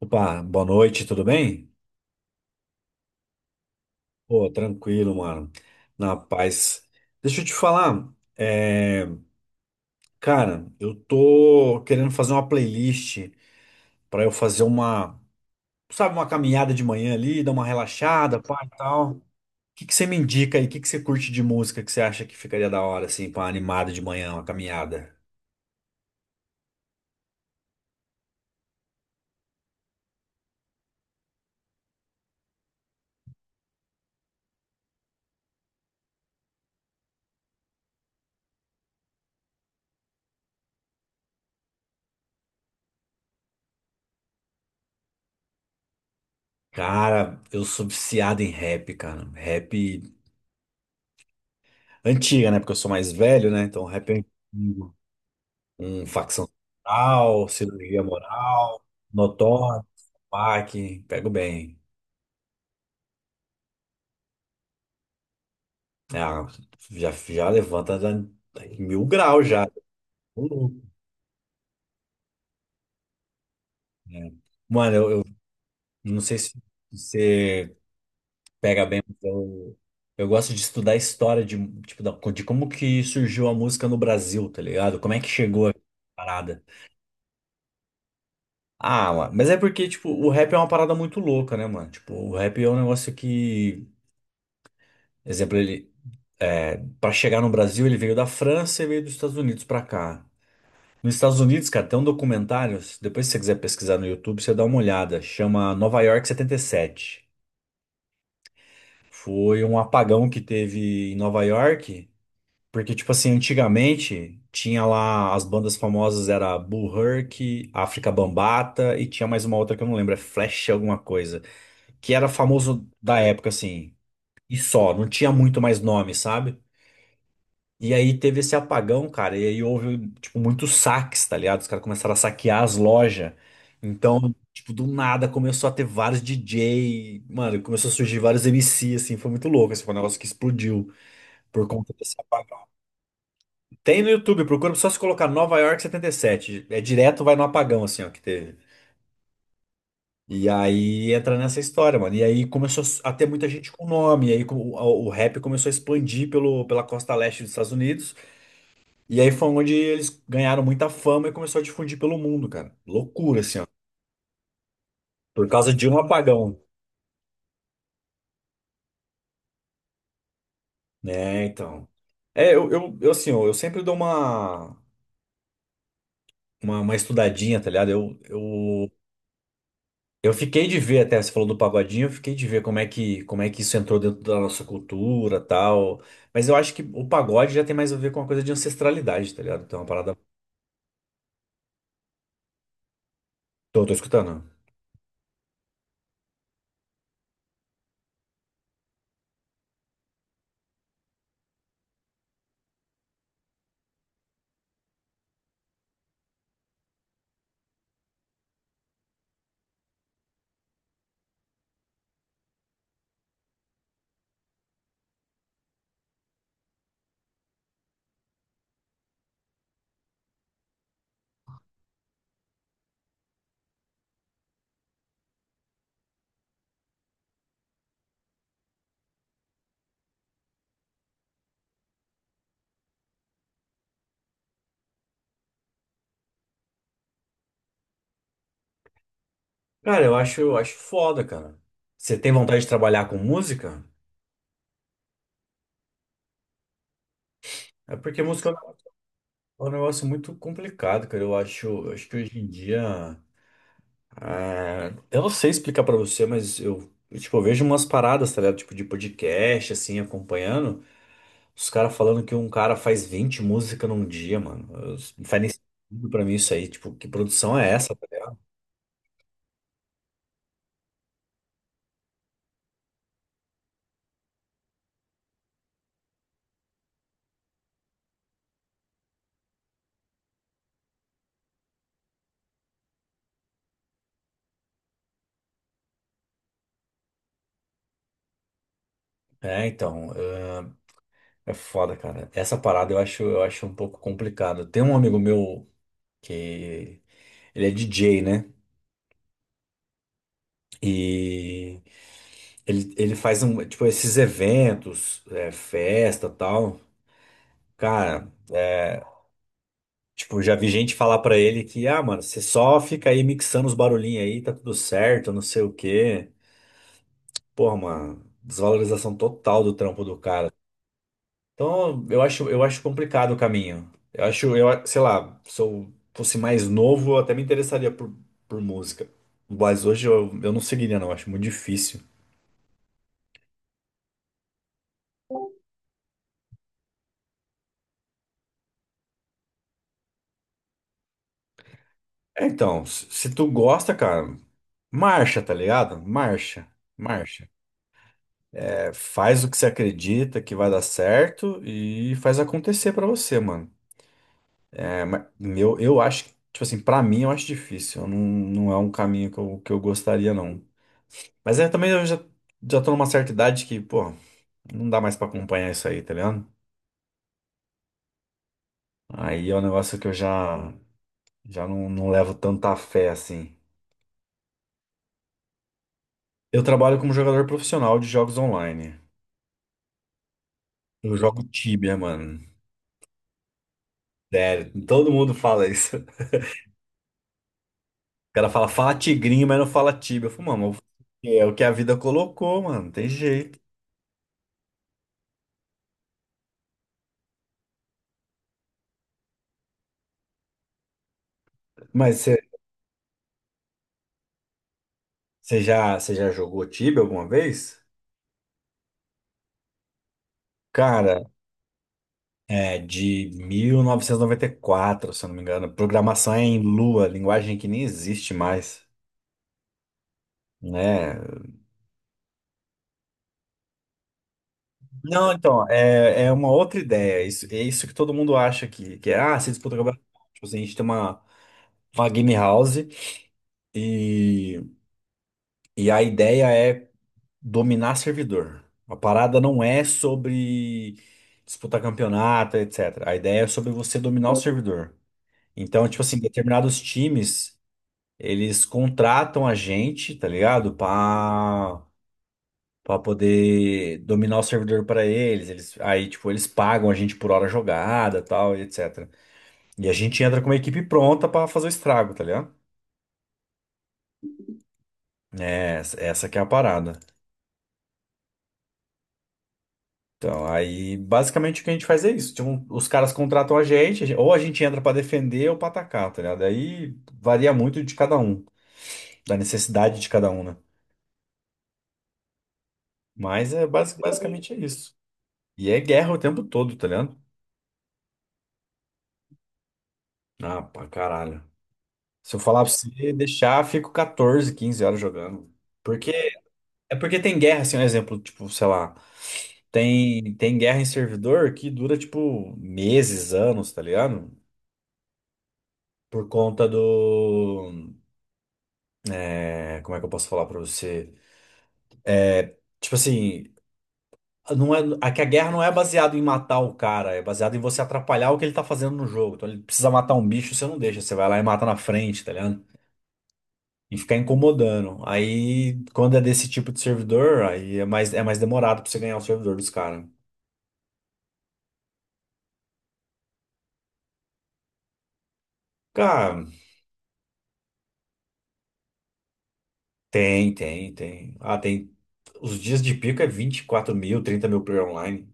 Opa, boa noite, tudo bem? Pô, tranquilo, mano. Na paz. Deixa eu te falar, cara, eu tô querendo fazer uma playlist pra eu fazer uma, sabe, uma caminhada de manhã ali, dar uma relaxada, pá, e tal. O que que você me indica aí? O que que você curte de música que você acha que ficaria da hora, assim, pra uma animada de manhã, uma caminhada? Cara, eu sou viciado em rap, cara. Rap antiga, né? Porque eu sou mais velho, né? Então, rap é antigo. Um facção moral, cirurgia moral, notório, PAC, pego bem, né? Ah, já, mil graus já. Tô louco, né? Mano, eu não sei se você pega bem, mas eu gosto de estudar a história de, tipo, de como que surgiu a música no Brasil, tá ligado? Como é que chegou a parada. Ah, mano, mas é porque, tipo, o rap é uma parada muito louca, né, mano? Tipo, o rap é um negócio que, exemplo, ele para chegar no Brasil, ele veio da França e veio dos Estados Unidos para cá. Nos Estados Unidos, cara, tem um documentário. Depois, se você quiser pesquisar no YouTube, você dá uma olhada. Chama Nova York 77. Foi um apagão que teve em Nova York, porque, tipo assim, antigamente tinha lá as bandas famosas, era Bull Herc, África Bambata e tinha mais uma outra que eu não lembro, é Flash alguma coisa, que era famoso da época, assim, e só, não tinha muito mais nome, sabe? E aí teve esse apagão, cara, e aí houve, tipo, muitos saques, tá ligado? Os caras começaram a saquear as lojas. Então, tipo, do nada começou a ter vários DJ, mano, começou a surgir vários MC, assim, foi muito louco, assim, foi um negócio que explodiu por conta desse apagão. Tem no YouTube, procura só se colocar Nova York 77. É direto, vai no apagão, assim, ó, que teve. E aí entra nessa história, mano. E aí começou a ter muita gente com nome, e aí o rap começou a expandir pelo, pela costa leste dos Estados Unidos. E aí foi onde eles ganharam muita fama e começou a difundir pelo mundo, cara. Loucura, assim, ó. Por causa de um apagão, né? Então. É, assim, ó, eu sempre dou uma estudadinha, tá ligado? Eu fiquei de ver, até você falou do pagodinho, eu fiquei de ver como é que isso entrou dentro da nossa cultura, tal. Mas eu acho que o pagode já tem mais a ver com uma coisa de ancestralidade, tá ligado? Então é uma parada. Tô escutando. Cara, eu acho foda, cara. Você tem vontade de trabalhar com música? É porque música é um negócio muito complicado, cara. Eu acho, acho que hoje em dia. Ah, eu não sei explicar pra você, mas eu, tipo, eu vejo umas paradas, tá ligado? Tipo, de podcast, assim, acompanhando. Os caras falando que um cara faz 20 músicas num dia, mano. Não faz nem sentido pra mim isso aí. Tipo, que produção é essa, tá ligado? É, então, é foda, cara. Essa parada eu acho um pouco complicado. Tem um amigo meu que ele é DJ, né? E ele faz um, tipo, esses eventos, é, festa, tal. Cara, é, tipo, já vi gente falar pra ele que, ah, mano, você só fica aí mixando os barulhinhos aí, tá tudo certo, não sei o quê. Porra, mano, desvalorização total do trampo do cara. Então, eu acho complicado o caminho. Eu acho, sei lá, se eu fosse mais novo, eu até me interessaria por música. Mas hoje eu não seguiria, não, eu acho muito difícil. É, então, se tu gosta, cara, marcha, tá ligado? Marcha, marcha. É, faz o que você acredita que vai dar certo e faz acontecer pra você, mano. É, mas meu, eu acho, que, tipo assim, pra mim eu acho difícil. Eu não, não é um caminho que que eu gostaria, não. Mas é, também eu já, já tô numa certa idade que, pô, não dá mais pra acompanhar isso aí, tá ligado? Aí é um negócio que eu já, já não, não levo tanta fé, assim. Eu trabalho como jogador profissional de jogos online. Eu jogo Tibia, mano. Sério, todo mundo fala isso. O cara fala, fala tigrinho, mas não fala tíbia. Eu falo, mano, eu vou fazer o quê? É o que a vida colocou, mano, não tem jeito. Mas você Você já jogou tíbia alguma vez? Cara, é de mil novecentos e noventa e quatro, se eu não me engano. Programação é em Lua, linguagem que nem existe mais, né? Não, então, é, uma outra ideia. Isso, é isso que todo mundo acha que é, ah, se disputa o campeonato. Tipo assim, a gente tem uma game house e, e a ideia é dominar servidor. A parada não é sobre disputar campeonato, etc. A ideia é sobre você dominar o servidor. Então, tipo assim, determinados times, eles contratam a gente, tá ligado? Pra poder dominar o servidor pra eles. Eles, aí, tipo, eles pagam a gente por hora jogada, tal, e etc. E a gente entra com uma equipe pronta pra fazer o estrago, tá ligado? É, essa que é a parada. Então, aí basicamente o que a gente faz é isso. Tipo, os caras contratam a gente, ou a gente entra pra defender ou pra atacar, tá ligado? Aí varia muito de cada um, da necessidade de cada um, né? Mas é basicamente é isso. E é guerra o tempo todo, tá ligado? Ah, pra caralho. Se eu falar pra você deixar, fico 14, 15 horas jogando. Porque é porque tem guerra, assim, um exemplo, tipo, sei lá, tem guerra em servidor que dura tipo meses, anos, tá ligado? Por conta do como é que eu posso falar pra você? Tipo assim, não é, a, que a guerra não é baseada em matar o cara, é baseada em você atrapalhar o que ele tá fazendo no jogo. Então ele precisa matar um bicho, você não deixa, você vai lá e mata na frente, tá ligado? E ficar incomodando. Aí, quando é desse tipo de servidor, aí é mais, demorado pra você ganhar o servidor dos caras. Cara, tem. Ah, tem. Os dias de pico é 24 mil, 30 mil player online.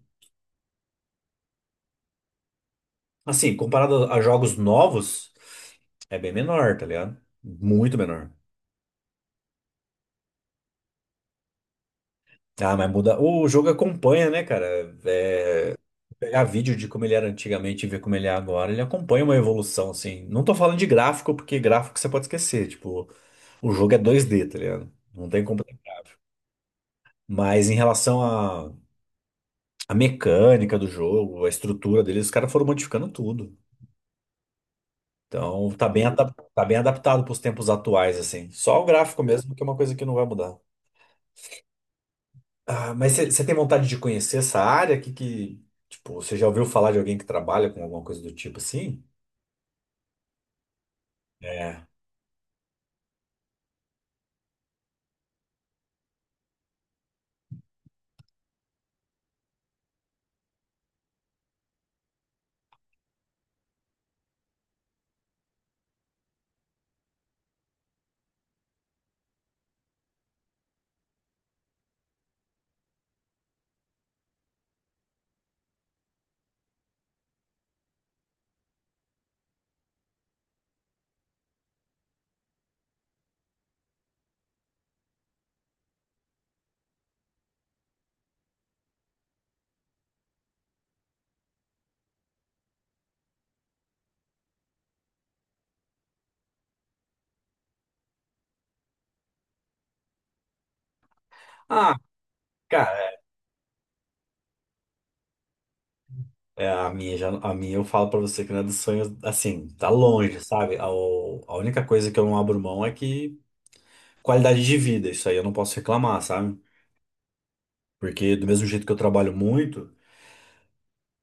Assim, comparado a jogos novos, é bem menor, tá ligado? Muito menor. Ah, mas muda. O jogo acompanha, né, cara? É, pegar vídeo de como ele era antigamente e ver como ele é agora, ele acompanha uma evolução, assim. Não tô falando de gráfico, porque gráfico você pode esquecer. Tipo, o jogo é 2D, tá ligado? Não tem como ter gráfico. Mas em relação à à mecânica do jogo, a estrutura dele, os caras foram modificando tudo. Então, tá bem, tá bem adaptado pros tempos atuais, assim. Só o gráfico mesmo, que é uma coisa que não vai mudar. Ah, mas você tem vontade de conhecer essa área? Tipo, você já ouviu falar de alguém que trabalha com alguma coisa do tipo assim? É. Ah, cara, a minha eu falo pra você que não é dos sonhos, assim, tá longe, sabe? A única coisa que eu não abro mão é que qualidade de vida, isso aí eu não posso reclamar, sabe? Porque do mesmo jeito que eu trabalho muito.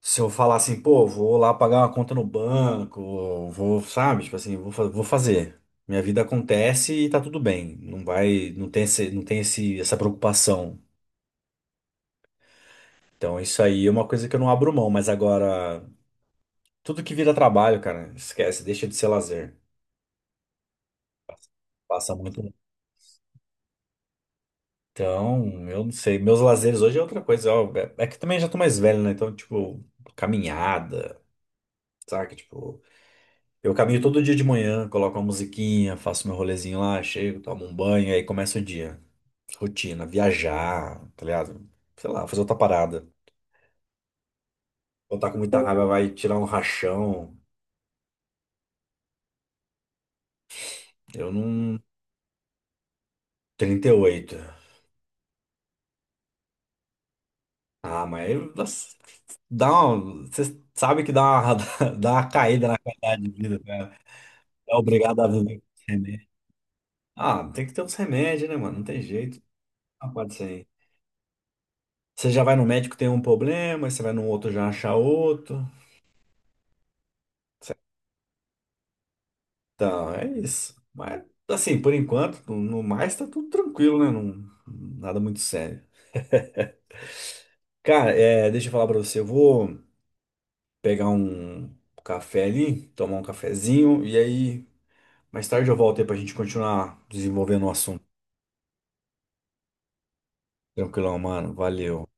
Se eu falar assim, pô, vou lá pagar uma conta no banco, vou, sabe? Tipo assim, vou, vou fazer. Minha vida acontece e tá tudo bem. Não vai, não tem esse, essa preocupação. Então isso aí é uma coisa que eu não abro mão, mas agora tudo que vira trabalho, cara, esquece, deixa de ser lazer. Passa muito. Então, eu não sei, meus lazeres hoje é outra coisa, ó, é que também já tô mais velho, né? Então, tipo, caminhada, saca? Tipo, eu caminho todo dia de manhã, coloco uma musiquinha, faço meu rolezinho lá, chego, tomo um banho, aí começa o dia. Rotina, viajar, tá ligado? Sei lá, fazer outra parada. Ou tá com muita raiva, vai tirar um rachão. Eu não. 38. Ah, mas aí, nossa, dá uma. Você sabe que dá uma, dá uma caída na qualidade de vida, cara. É obrigado a viver com esse remédio. Ah, tem que ter uns remédios, né, mano? Não tem jeito. Não pode ser. Você já vai no médico, tem um problema, aí você vai no outro, já acha outro. Então, é isso. Mas, assim, por enquanto, no no mais tá tudo tranquilo, né? Não, nada muito sério. Cara, é, deixa eu falar pra você. Eu vou pegar um café ali, tomar um cafezinho, e aí mais tarde eu volto aí pra gente continuar desenvolvendo o assunto. Tranquilão, mano. Valeu.